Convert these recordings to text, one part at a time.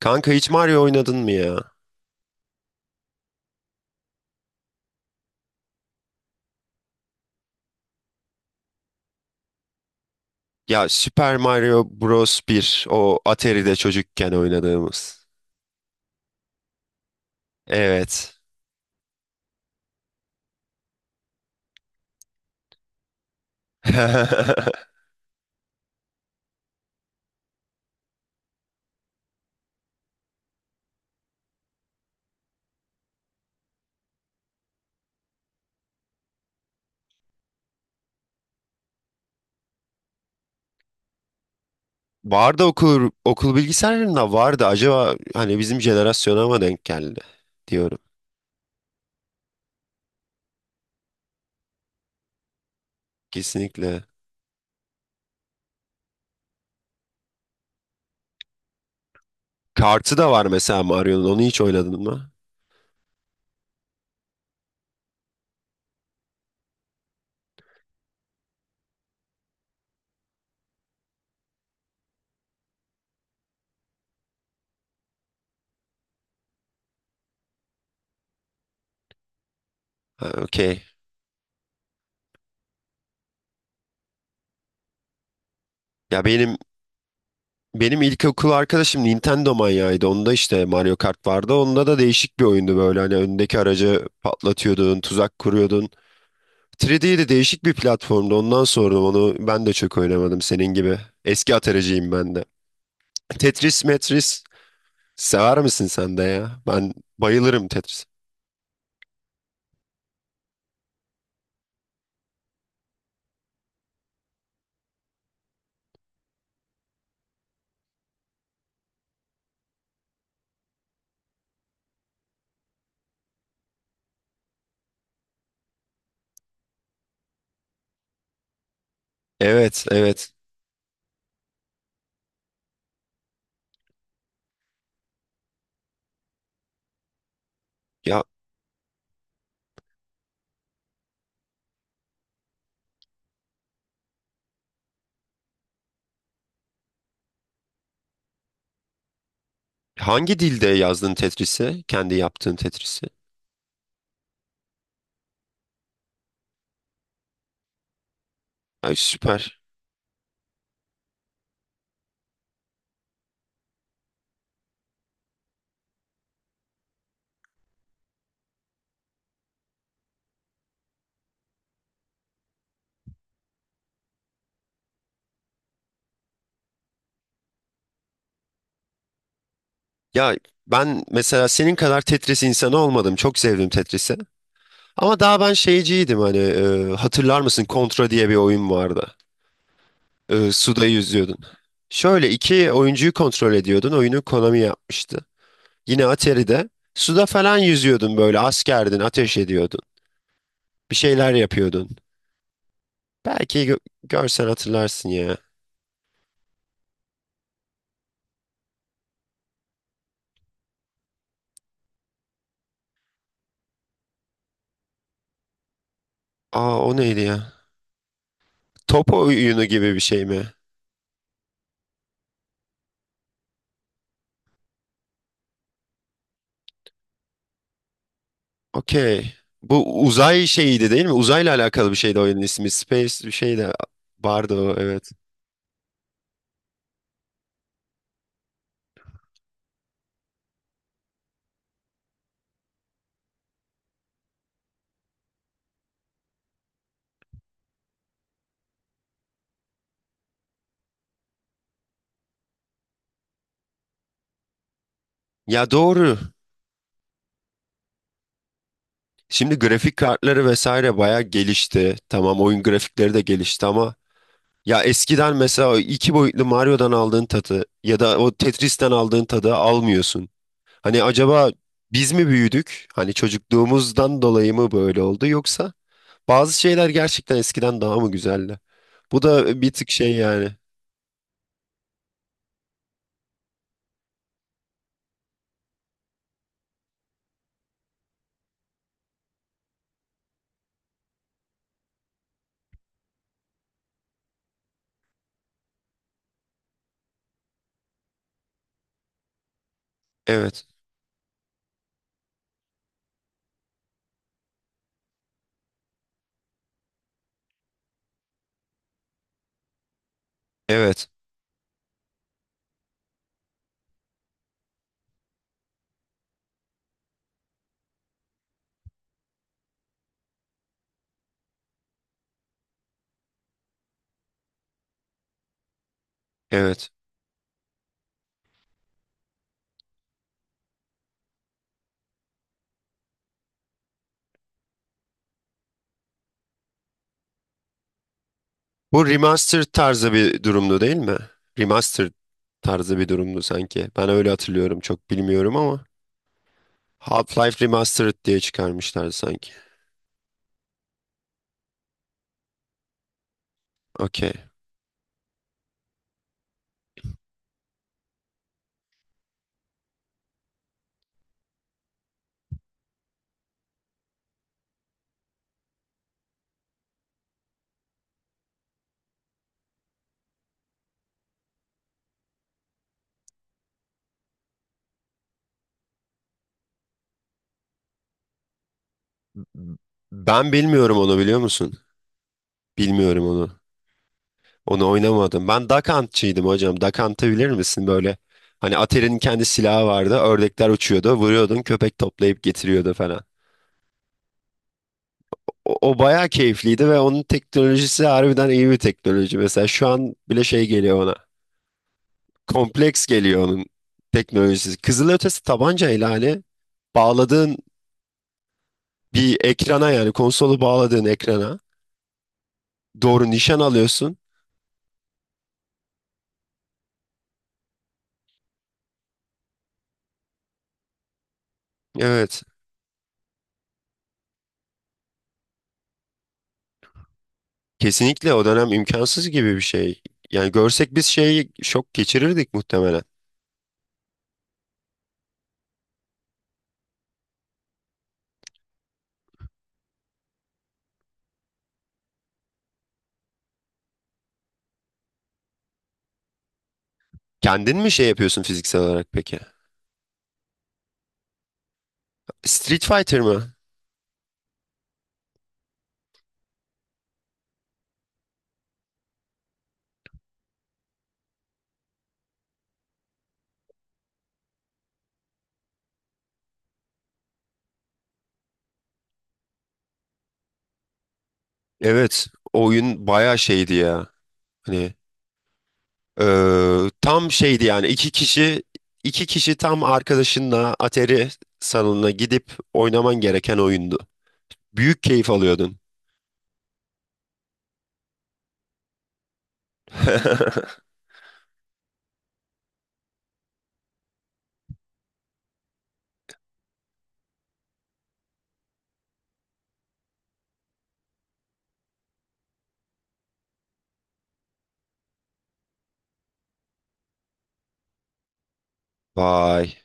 Kanka hiç Mario oynadın mı ya? Ya Super Mario Bros. Bir o Atari'de çocukken oynadığımız. Evet. Vardı okul bilgisayarında vardı. Acaba hani bizim jenerasyona mı denk geldi diyorum. Kesinlikle. Kartı da var mesela Mario'nun. Onu hiç oynadın mı? Ha, okey. Ya benim ilkokul arkadaşım Nintendo manyağıydı. Onda işte Mario Kart vardı. Onda da değişik bir oyundu böyle. Hani önündeki aracı patlatıyordun, tuzak kuruyordun. 3D de değişik bir platformdu. Ondan sonra onu ben de çok oynamadım senin gibi. Eski atareciyim ben de. Tetris, Metris sever misin sen de ya? Ben bayılırım Tetris. Evet, evet. Ya hangi dilde yazdın Tetris'i? Kendi yaptığın Tetris'i? Ay süper. Ya ben mesela senin kadar Tetris insanı olmadım. Çok sevdim Tetris'i. Ama daha ben şeyciydim hani hatırlar mısın? Contra diye bir oyun vardı. Suda yüzüyordun. Şöyle iki oyuncuyu kontrol ediyordun. Oyunu Konami yapmıştı. Yine Atari'de suda falan yüzüyordun böyle askerdin, ateş ediyordun. Bir şeyler yapıyordun. Belki görsen hatırlarsın ya. Aa o neydi ya? Top oyunu gibi bir şey mi? Okey. Bu uzay şeyiydi değil mi? Uzayla alakalı bir şeydi oyunun ismi. Space bir şey de vardı o, evet. Ya doğru. Şimdi grafik kartları vesaire bayağı gelişti. Tamam oyun grafikleri de gelişti ama ya eskiden mesela o iki boyutlu Mario'dan aldığın tadı ya da o Tetris'ten aldığın tadı almıyorsun. Hani acaba biz mi büyüdük? Hani çocukluğumuzdan dolayı mı böyle oldu yoksa bazı şeyler gerçekten eskiden daha mı güzeldi? Bu da bir tık şey yani. Evet, evet, evet. Bu remaster tarzı bir durumdu değil mi? Remaster tarzı bir durumdu sanki. Ben öyle hatırlıyorum, çok bilmiyorum ama. Half-Life Remastered diye çıkarmışlar sanki. Okey. Ben bilmiyorum, onu biliyor musun? Bilmiyorum onu. Onu oynamadım. Ben Duck Hunt'çıydım hocam. Duck Hunt'ı bilir misin böyle? Hani Atari'nin kendi silahı vardı. Ördekler uçuyordu. Vuruyordun, köpek toplayıp getiriyordu falan. O, o bayağı keyifliydi ve onun teknolojisi harbiden iyi bir teknoloji. Mesela şu an bile şey geliyor bana. Kompleks geliyor onun teknolojisi. Kızılötesi tabanca ihlali bağladığın bir ekrana, yani konsolu bağladığın ekrana doğru nişan alıyorsun. Evet. Kesinlikle o dönem imkansız gibi bir şey. Yani görsek biz şeyi şok geçirirdik muhtemelen. Kendin mi şey yapıyorsun fiziksel olarak peki? Street Fighter mı? Evet. O oyun bayağı şeydi ya. Hani tam şeydi yani iki kişi tam arkadaşınla Atari salonuna gidip oynaman gereken oyundu. Büyük keyif alıyordun. Vay.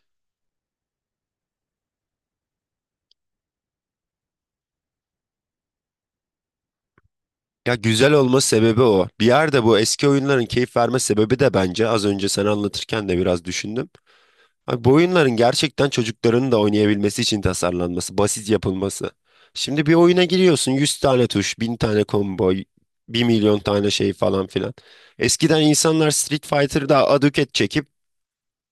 Ya güzel olma sebebi o. Bir yerde bu eski oyunların keyif verme sebebi de, bence az önce sen anlatırken de biraz düşündüm. Abi bu oyunların gerçekten çocukların da oynayabilmesi için tasarlanması, basit yapılması. Şimdi bir oyuna giriyorsun, 100 tane tuş, 1000 tane combo, bir milyon tane şey falan filan. Eskiden insanlar Street Fighter'da aduket çekip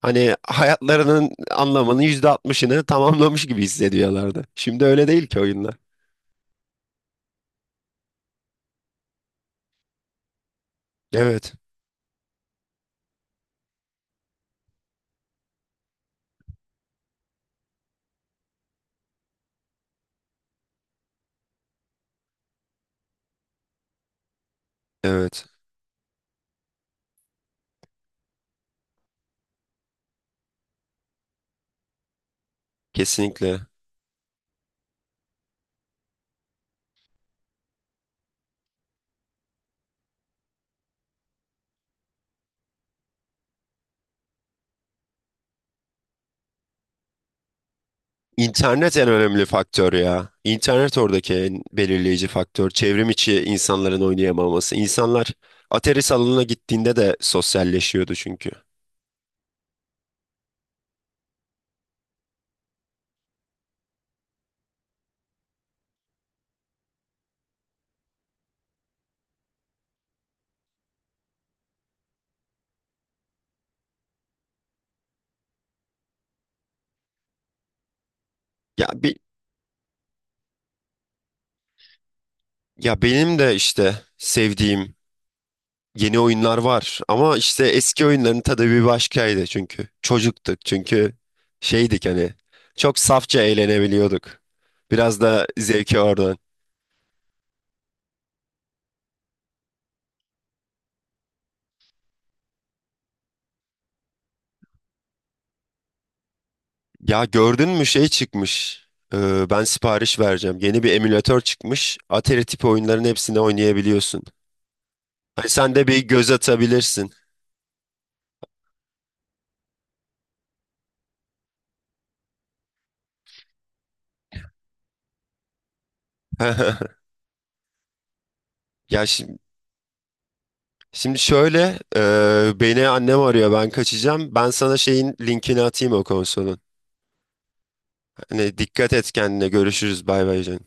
hani hayatlarının anlamının %60'ını tamamlamış gibi hissediyorlardı. Şimdi öyle değil ki oyunlar. Evet, evet, kesinlikle. İnternet en önemli faktör ya. İnternet oradaki en belirleyici faktör. Çevrim içi insanların oynayamaması. İnsanlar atari salonuna gittiğinde de sosyalleşiyordu çünkü. Ya bir, ya benim de işte sevdiğim yeni oyunlar var ama işte eski oyunların tadı bir başkaydı çünkü. Çocuktuk çünkü, şeydik hani, çok safça eğlenebiliyorduk. Biraz da zevki orada. Ya gördün mü şey çıkmış. Ben sipariş vereceğim. Yeni bir emülatör çıkmış. Atari tipi oyunların hepsini oynayabiliyorsun. Hani sen de bir göz atabilirsin. Ya şimdi, şimdi şöyle beni annem arıyor, ben kaçacağım. Ben sana şeyin linkini atayım, o konsolun. Hani dikkat et kendine, görüşürüz, bay bay canım.